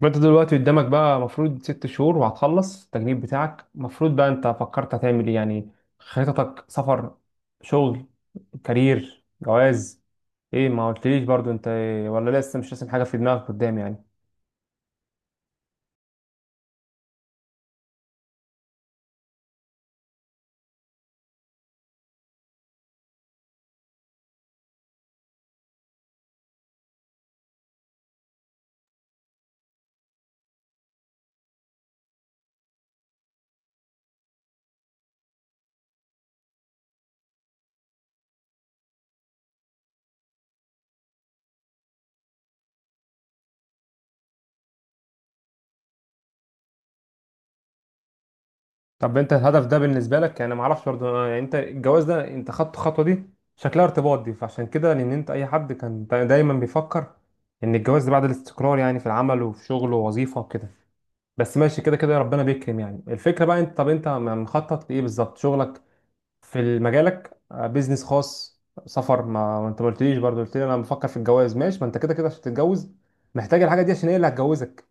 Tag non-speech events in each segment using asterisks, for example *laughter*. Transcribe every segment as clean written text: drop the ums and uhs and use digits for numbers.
ما انت دلوقتي قدامك بقى مفروض ست شهور وهتخلص التجنيد بتاعك، مفروض بقى انت فكرت هتعمل ايه يعني؟ خططك سفر، شغل، كارير، جواز؟ ايه، ما قلتليش برضو انت ايه، ولا لسه مش راسم حاجة في دماغك قدام يعني؟ طب انت الهدف ده بالنسبة لك، يعني ما اعرفش برضو، يعني انت الجواز ده، انت خدت الخطوة دي شكلها ارتباط، دي فعشان كده. لان انت اي حد كان دايما بيفكر ان الجواز ده بعد الاستقرار، يعني في العمل وفي شغل ووظيفة وكده. بس ماشي، كده كده ربنا بيكرم. يعني الفكرة بقى انت، طب انت مخطط لإيه بالظبط؟ شغلك في مجالك، بيزنس خاص، سفر؟ ما انت ما قلتليش برضه، قلت لي انا بفكر في الجواز. ماشي، ما انت كده كده عشان تتجوز محتاج الحاجة دي، عشان هي اللي هتجوزك.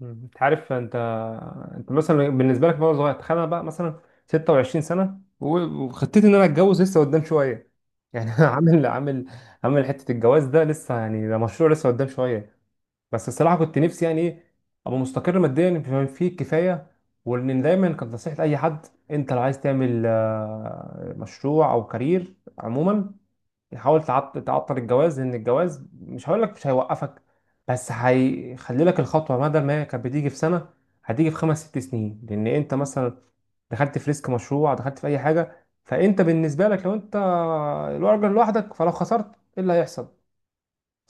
انت عارف، انت مثلا بالنسبة لك بقى صغير، تخيل انا بقى مثلا 26 سنة وخطتي ان انا اتجوز لسه قدام شوية يعني. *laughs* انا عامل حتة الجواز ده لسه، يعني ده مشروع لسه قدام شوية. بس الصراحه كنت نفسي يعني ايه، ابقى مستقر ماديا بما فيه الكفايه. وان دايما كانت نصيحه اي حد، انت لو عايز تعمل مشروع او كارير عموما، حاول تعطل الجواز. لان الجواز مش هقول لك مش هيوقفك، بس هيخلي لك الخطوه، بدل ما هي كانت بتيجي في سنه، هتيجي في خمس ست سنين. لان انت مثلا دخلت في ريسك مشروع، دخلت في اي حاجه، فانت بالنسبه لك لو انت الراجل لوحدك، فلو خسرت ايه اللي هيحصل؟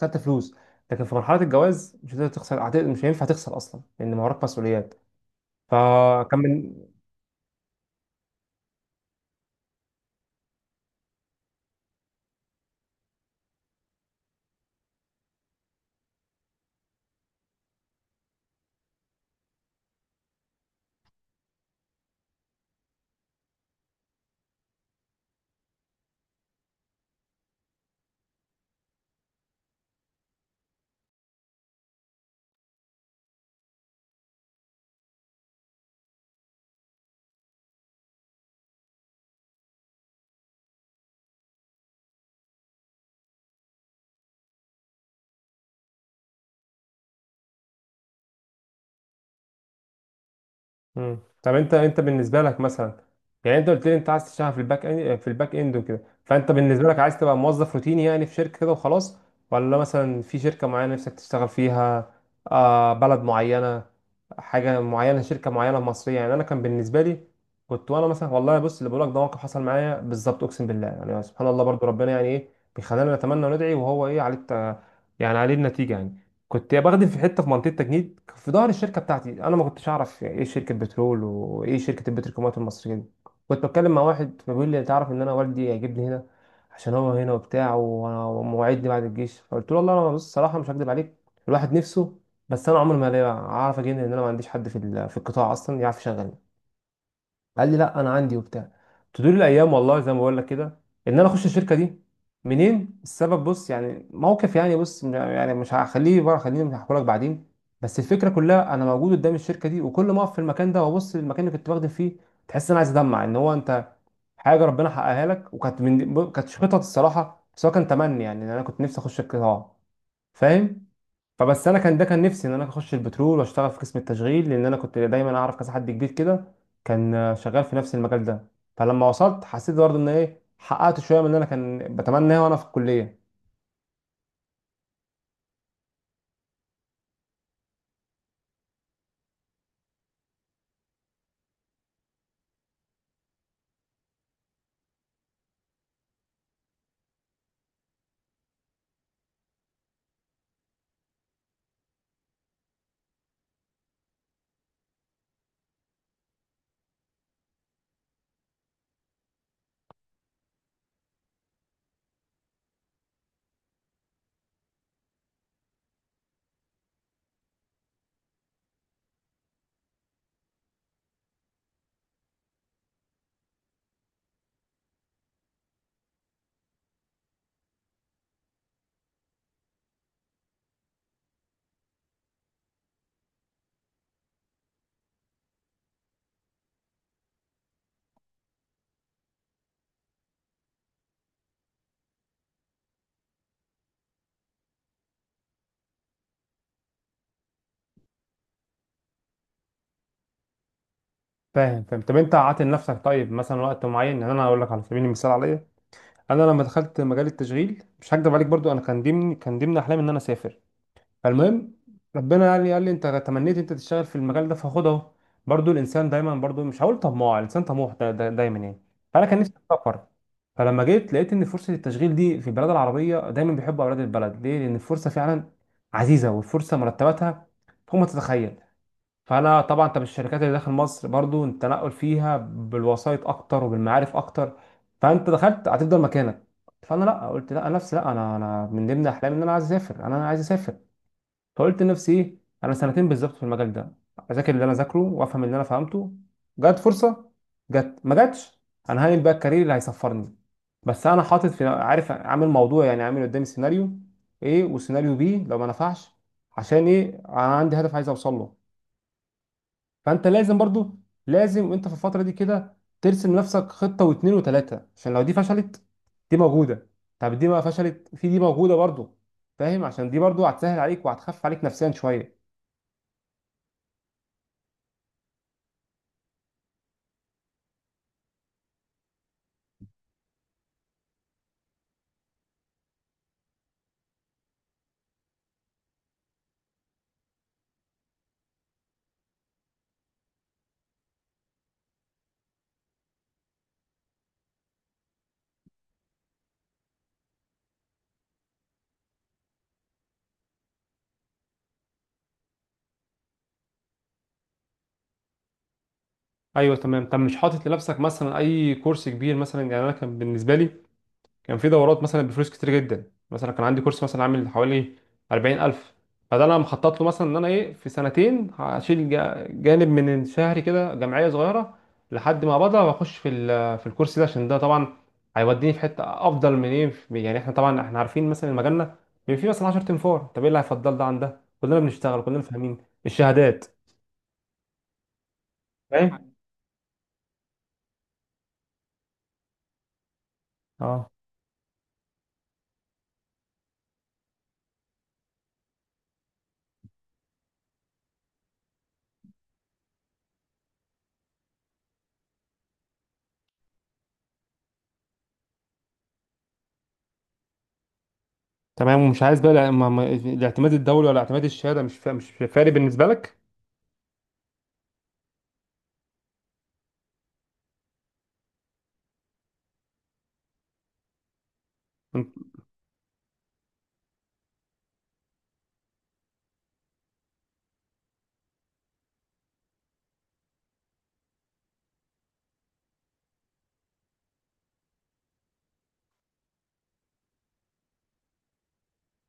خدت فلوس. لكن في مرحله الجواز مش هتقدر تخسر، مش هينفع تخسر اصلا لان ما وراك مسؤوليات. فكان من. طب انت بالنسبه لك مثلا، يعني انت قلت لي انت عايز تشتغل في الباك اند وكده، فانت بالنسبه لك عايز تبقى موظف روتيني يعني في شركه كده وخلاص؟ ولا مثلا في شركه معينه نفسك تشتغل فيها؟ بلد معينه، حاجه معينه، شركه معينه مصريه، يعني انا كان بالنسبه لي، كنت وانا مثلا، والله بص اللي بقولك ده موقف حصل معايا بالظبط، اقسم بالله. يعني سبحان الله، برضو ربنا يعني ايه، بيخلينا نتمنى وندعي، وهو ايه عليه يعني عليه النتيجه يعني. كنت يا بخدم في حته، في منطقه تجنيد في ظهر الشركه بتاعتي. انا ما كنتش اعرف ايه شركه بترول وايه شركه البتروكيماويات المصريه دي. كنت بتكلم مع واحد فبيقول لي تعرف ان انا والدي هيجيبني هنا؟ عشان هو هنا وبتاع ومواعيدني بعد الجيش. فقلت له والله انا، بص الصراحه مش هكدب عليك، الواحد نفسه، بس انا عمري ما اعرف اجي هنا، لان انا ما عنديش حد في في القطاع اصلا يعرف يشغلني. قال لي لا انا عندي وبتاع. تدور الايام، والله زي ما بقول لك كده، ان انا اخش الشركه دي، منين؟ السبب، بص يعني موقف، يعني بص يعني مش هخليه بره، خليني مش هحكي لك بعدين. بس الفكره كلها، انا موجود قدام الشركه دي، وكل ما اقف في المكان ده وابص للمكان اللي كنت بخدم فيه، تحس ان انا عايز ادمع، ان هو انت حاجه ربنا حققها لك، وكانت من كانت خطط الصراحه، بس هو كان تمني، يعني ان انا كنت نفسي اخش القطاع، فاهم؟ فبس انا كان، ده كان نفسي ان انا اخش البترول واشتغل في قسم التشغيل، لان انا كنت دايما اعرف كذا حد كبير كده كان شغال في نفس المجال ده. فلما وصلت حسيت برضه ان ايه، حققت شويه من اللي انا كان بتمناه وانا في الكليه. فاهم. طب انت عاطل لنفسك طيب مثلا وقت معين، يعني انا هقول لك على سبيل المثال عليا انا، لما دخلت مجال التشغيل مش هكدب عليك برضو، انا كان ضمن احلامي ان انا اسافر. فالمهم ربنا يعني قال لي انت تمنيت انت تشتغل في المجال ده فخد اهو. برضو الانسان دايما، برضو مش هقول طماع، الانسان طموح، ده دايما يعني. فانا كان نفسي اسافر، فلما جيت لقيت ان فرصه التشغيل دي في البلاد العربيه دايما بيحبوا اولاد البلد، ليه؟ لان الفرصه فعلا عزيزه، والفرصه مرتباتها فوق ما تتخيل. فانا طبعا، انت بالشركات اللي داخل مصر برضو التنقل فيها بالوسائط اكتر وبالمعارف اكتر، فانت دخلت هتفضل مكانك. فانا لا، قلت لا، نفسي لا انا من ضمن احلامي ان انا عايز اسافر، انا عايز اسافر. فقلت لنفسي ايه، انا سنتين بالظبط في المجال ده اذاكر اللي انا ذاكره وافهم اللي انا فهمته. جت فرصه، جت ما جاتش، انا هعمل بقى الكارير اللي هيصفرني. بس انا حاطط، في عارف، عامل موضوع، يعني عامل قدامي سيناريو ايه وسيناريو بي لو ما نفعش. عشان ايه؟ انا عندي هدف عايز اوصل له. فانت لازم وانت في الفتره دي كده ترسم لنفسك خطه واتنين وتلاته، عشان لو دي فشلت دي موجوده. طب دي ما فشلت، في دي موجوده برضو. فاهم؟ عشان دي برضو هتسهل عليك وهتخفف عليك نفسيا شويه. ايوه تمام. طب مش حاطط لنفسك مثلا اي كورس كبير مثلا؟ يعني انا كان بالنسبه لي كان في دورات مثلا بفلوس كتير جدا، مثلا كان عندي كورس مثلا عامل حوالي 40000. فده انا مخطط له مثلا ان انا ايه، في سنتين هشيل جانب من شهري كده جمعيه صغيره لحد ما بقدر، واخش في في الكورس ده، عشان ده طبعا هيوديني في حته افضل من ايه يعني احنا طبعا عارفين مثلا مجالنا بيبقى فيه مثلا 10 تنفار، طب ايه اللي هيفضل ده عن ده؟ كلنا بنشتغل، كلنا فاهمين. الشهادات. فاهم؟ اه تمام. ومش عايز بقى الاعتماد الدولي، ولا اعتماد الشهاده مش فارق بالنسبه لك؟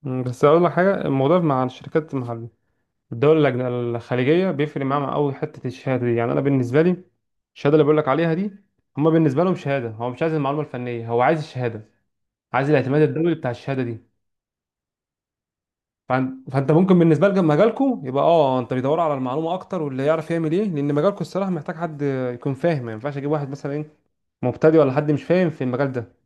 بس اقول لك حاجه، الموضوع مع الشركات، مع الدول الخليجيه بيفرق معاهم قوي حته الشهاده دي. يعني انا بالنسبه لي الشهاده اللي بقول لك عليها دي، هما بالنسبه لهم شهاده، هو مش عايز المعلومه الفنيه، هو عايز الشهاده، عايز الاعتماد الدولي بتاع الشهاده دي. فانت ممكن بالنسبه لك مجالكم يبقى، انت بيدوروا على المعلومه اكتر واللي يعرف يعمل ايه، لان مجالكم الصراحه محتاج حد يكون فاهم. ما ينفعش اجيب واحد مثلا ايه، مبتدئ، ولا حد مش فاهم في المجال ده.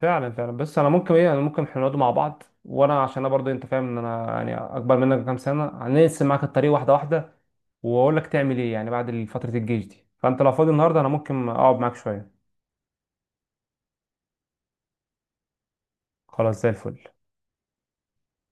فعلا فعلا. بس انا ممكن احنا نقعد مع بعض، وانا عشان انا برضه انت فاهم ان انا يعني اكبر منك بكام سنه، هنقسم معاك الطريق واحده واحده واقول لك تعمل ايه يعني بعد فتره الجيش دي. فانت لو فاضي النهارده انا ممكن اقعد معاك شويه. خلاص، زي الفل.